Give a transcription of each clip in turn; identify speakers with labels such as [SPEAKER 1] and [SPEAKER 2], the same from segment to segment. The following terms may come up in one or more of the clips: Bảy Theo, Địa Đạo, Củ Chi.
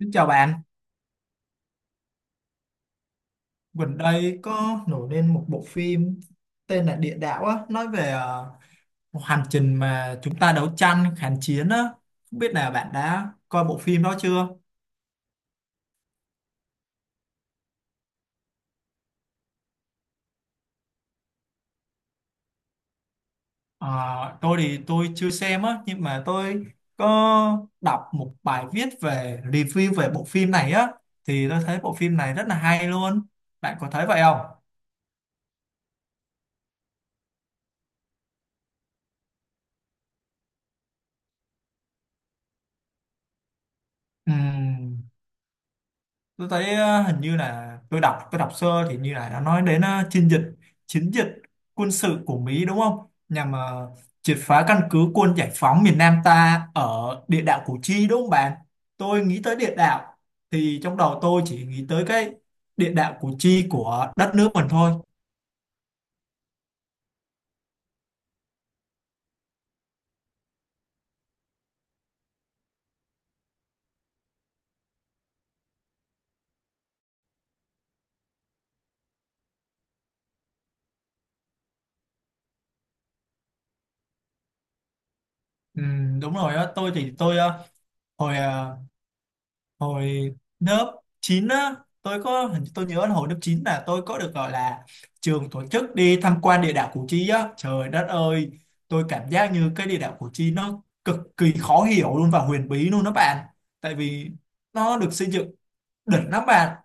[SPEAKER 1] Xin chào bạn, gần đây có nổi lên một bộ phim tên là Địa Đạo á, nói về một hành trình mà chúng ta đấu tranh kháng chiến á. Không biết là bạn đã coi bộ phim đó chưa? Ờ, tôi thì tôi chưa xem á, nhưng mà tôi có đọc một bài viết về review về bộ phim này á, thì tôi thấy bộ phim này rất là hay luôn. Bạn có thấy vậy không? Ừm, tôi thấy hình như là tôi đọc sơ thì như là nó nói đến chiến dịch quân sự của Mỹ đúng không, nhằm triệt phá căn cứ quân giải phóng miền Nam ta ở địa đạo Củ Chi, đúng không bạn? Tôi nghĩ tới địa đạo thì trong đầu tôi chỉ nghĩ tới cái địa đạo Củ Chi của đất nước mình thôi. Đúng rồi á. Tôi thì tôi hồi hồi lớp 9 á, tôi có hình tôi nhớ là hồi lớp 9 là tôi có được gọi là trường tổ chức đi tham quan địa đạo Củ Chi á. Trời đất ơi, tôi cảm giác như cái địa đạo Củ Chi nó cực kỳ khó hiểu luôn và huyền bí luôn đó bạn, tại vì nó được xây dựng đỉnh lắm bạn.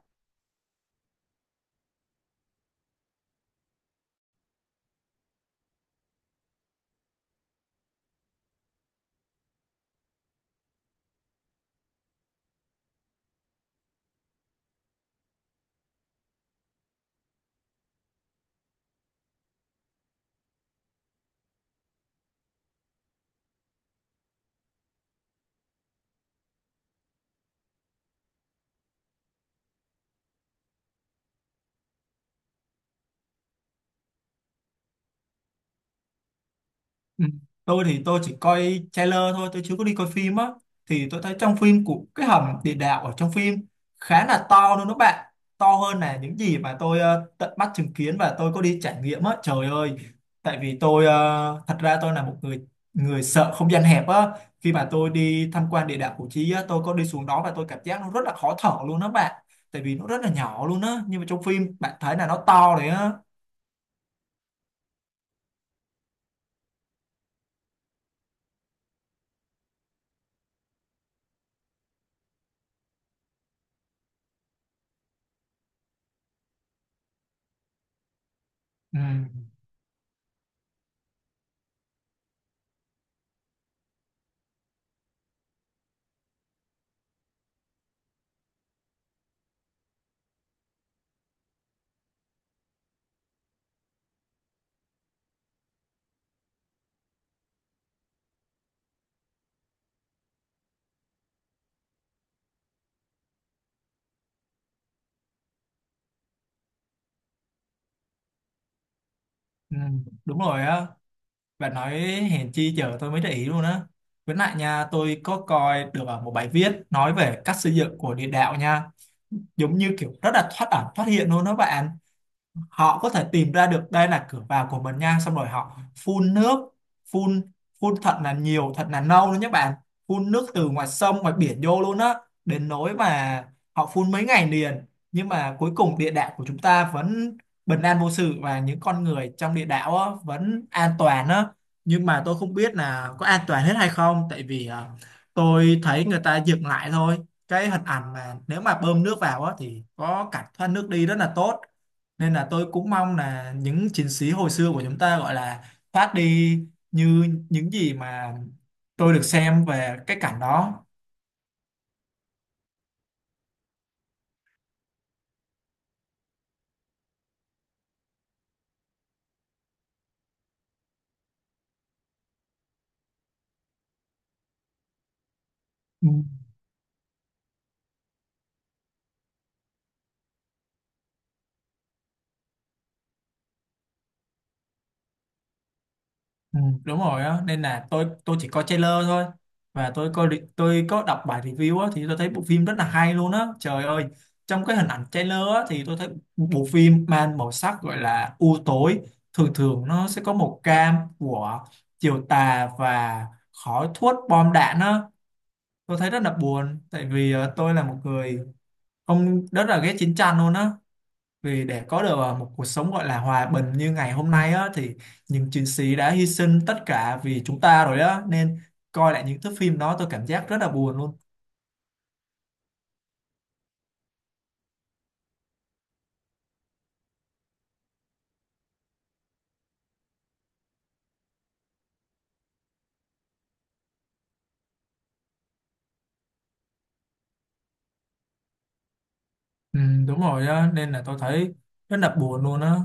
[SPEAKER 1] Ừ. Tôi thì tôi chỉ coi trailer thôi, tôi chưa có đi coi phim á. Thì tôi thấy trong phim của cái hầm địa đạo ở trong phim khá là to luôn đó bạn. To hơn là những gì mà tôi tận mắt chứng kiến và tôi có đi trải nghiệm á. Trời ơi, tại vì tôi thật ra tôi là một người người sợ không gian hẹp á. Khi mà tôi đi tham quan địa đạo Củ Chi á, tôi có đi xuống đó và tôi cảm giác nó rất là khó thở luôn đó bạn. Tại vì nó rất là nhỏ luôn á, nhưng mà trong phim bạn thấy là nó to đấy á. Ừ. Ừ. Đúng rồi á. Bạn nói hèn chi giờ tôi mới để ý luôn á. Với lại nha, tôi có coi được ở một bài viết nói về cách xây dựng của địa đạo nha. Giống như kiểu rất là thoát ẩn thoát hiện luôn đó bạn, họ có thể tìm ra được đây là cửa vào của mình nha, xong rồi họ phun nước, phun phun thật là nhiều thật là nâu luôn nhé bạn, phun nước từ ngoài sông ngoài biển vô luôn á, đến nỗi mà họ phun mấy ngày liền, nhưng mà cuối cùng địa đạo của chúng ta vẫn bình an vô sự và những con người trong địa đạo á, vẫn an toàn á. Nhưng mà tôi không biết là có an toàn hết hay không, tại vì à, tôi thấy người ta dựng lại thôi, cái hình ảnh mà nếu mà bơm nước vào á, thì có cảnh thoát nước đi rất là tốt, nên là tôi cũng mong là những chiến sĩ hồi xưa của chúng ta gọi là thoát đi như những gì mà tôi được xem về cái cảnh đó. Ừ. Ừ, đúng rồi á, nên là tôi chỉ coi trailer thôi và tôi có đọc bài review á, thì tôi thấy bộ phim rất là hay luôn á. Trời ơi, trong cái hình ảnh trailer á thì tôi thấy bộ phim mang màu sắc gọi là u tối, thường thường nó sẽ có màu cam của chiều tà và khói thuốc bom đạn á. Tôi thấy rất là buồn, tại vì tôi là một người ông rất là ghét chiến tranh luôn á, vì để có được một cuộc sống gọi là hòa bình như ngày hôm nay á, thì những chiến sĩ đã hy sinh tất cả vì chúng ta rồi á, nên coi lại những thước phim đó tôi cảm giác rất là buồn luôn. Ừ, đúng rồi á, nên là tôi thấy rất là buồn luôn á.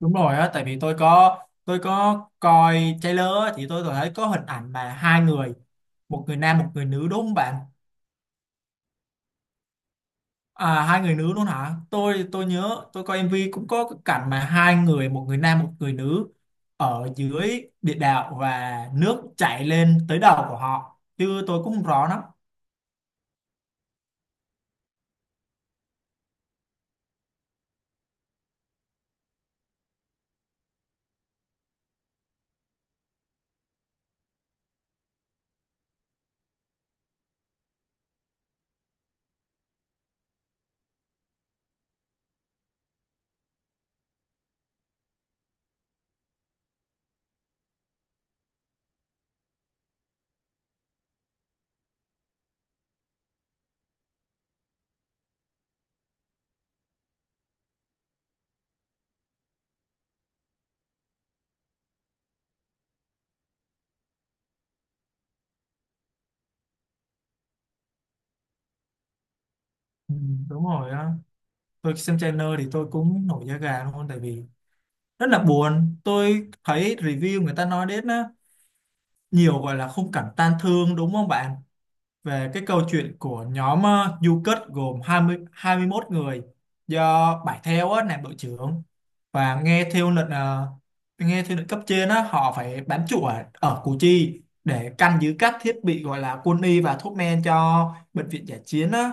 [SPEAKER 1] Đúng rồi á, tại vì tôi có coi trailer á, thì tôi thấy có hình ảnh mà hai người, một người nam một người nữ, đúng không bạn? À, hai người nữ luôn hả? Tôi nhớ tôi coi MV cũng có cái cảnh mà hai người, một người nam một người nữ, ở dưới địa đạo và nước chảy lên tới đầu của họ, chứ tôi cũng không rõ lắm. Ừ, đúng rồi á. Tôi xem trailer thì tôi cũng nổi da gà luôn, tại vì rất là buồn. Tôi thấy review người ta nói đến á, nhiều gọi là khung cảnh tan thương, đúng không bạn? Về cái câu chuyện của nhóm du kích gồm 20, 21 người, do Bảy Theo á, làm đội trưởng và nghe theo lệnh cấp trên á, họ phải bám trụ ở, ở Củ Chi để canh giữ các thiết bị gọi là quân y và thuốc men cho bệnh viện giải chiến á.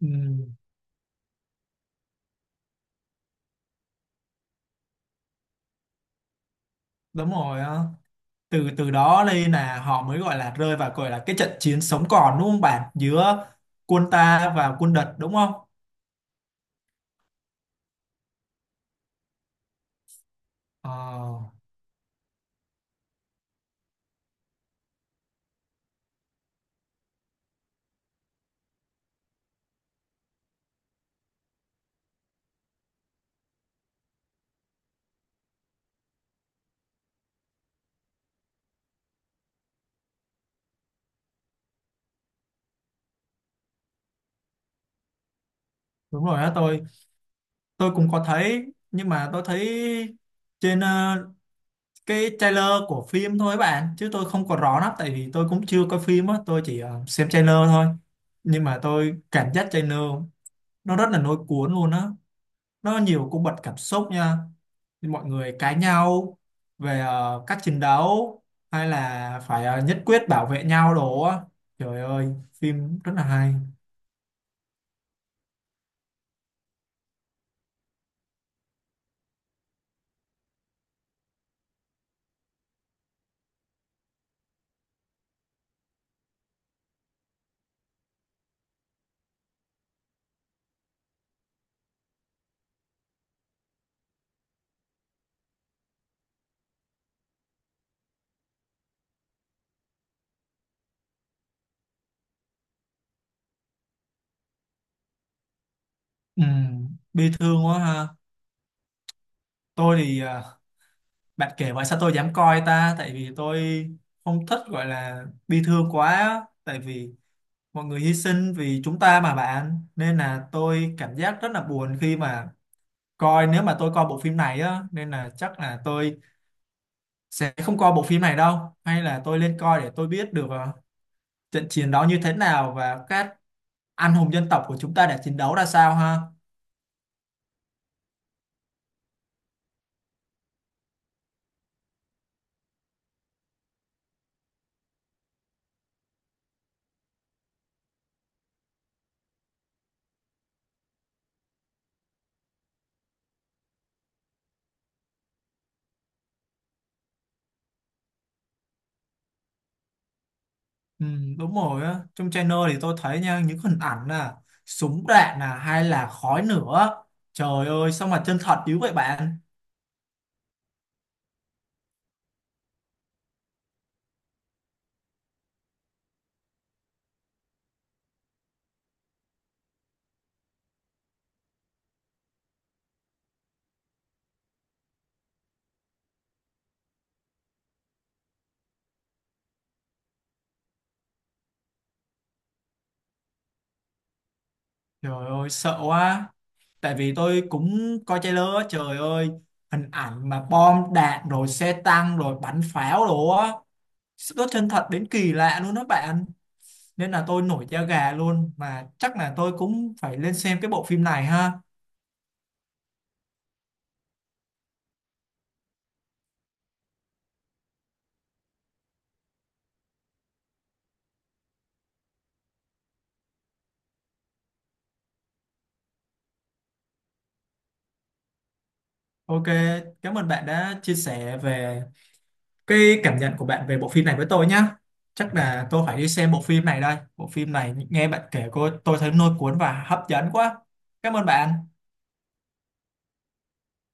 [SPEAKER 1] Ừ, đúng rồi á. Từ từ đó lên là họ mới gọi là rơi vào gọi là cái trận chiến sống còn, đúng không bạn, giữa quân ta và quân địch đúng không? Ờ, đúng rồi đó. Tôi cũng có thấy, nhưng mà tôi thấy trên cái trailer của phim thôi bạn, chứ tôi không có rõ lắm, tại vì tôi cũng chưa coi phim á, tôi chỉ xem trailer thôi. Nhưng mà tôi cảm giác trailer nó rất là lôi cuốn luôn á, nó nhiều cung bậc cảm xúc nha, mọi người cãi nhau về cách chiến đấu hay là phải nhất quyết bảo vệ nhau đồ á. Trời ơi, phim rất là hay. Bi thương quá ha. Tôi thì bạn kể vậy sao tôi dám coi ta, tại vì tôi không thích gọi là bi thương quá, tại vì mọi người hy sinh vì chúng ta mà bạn, nên là tôi cảm giác rất là buồn khi mà coi, nếu mà tôi coi bộ phim này á, nên là chắc là tôi sẽ không coi bộ phim này đâu, hay là tôi lên coi để tôi biết được trận chiến đó như thế nào và các anh hùng dân tộc của chúng ta đã chiến đấu ra sao ha. Ừ, đúng rồi á. Trong channel thì tôi thấy nha, những hình ảnh là súng đạn là hay là khói nữa, trời ơi sao mà chân thật dữ vậy bạn. Trời ơi sợ quá, tại vì tôi cũng coi trailer á. Trời ơi, hình ảnh mà bom đạn rồi xe tăng rồi bắn pháo đồ á, nó chân thật đến kỳ lạ luôn đó bạn, nên là tôi nổi da gà luôn, mà chắc là tôi cũng phải lên xem cái bộ phim này ha. Ok, cảm ơn bạn đã chia sẻ về cái cảm nhận của bạn về bộ phim này với tôi nhá. Chắc là tôi phải đi xem bộ phim này đây, bộ phim này nghe bạn kể cô tôi thấy lôi cuốn và hấp dẫn quá. Cảm ơn bạn.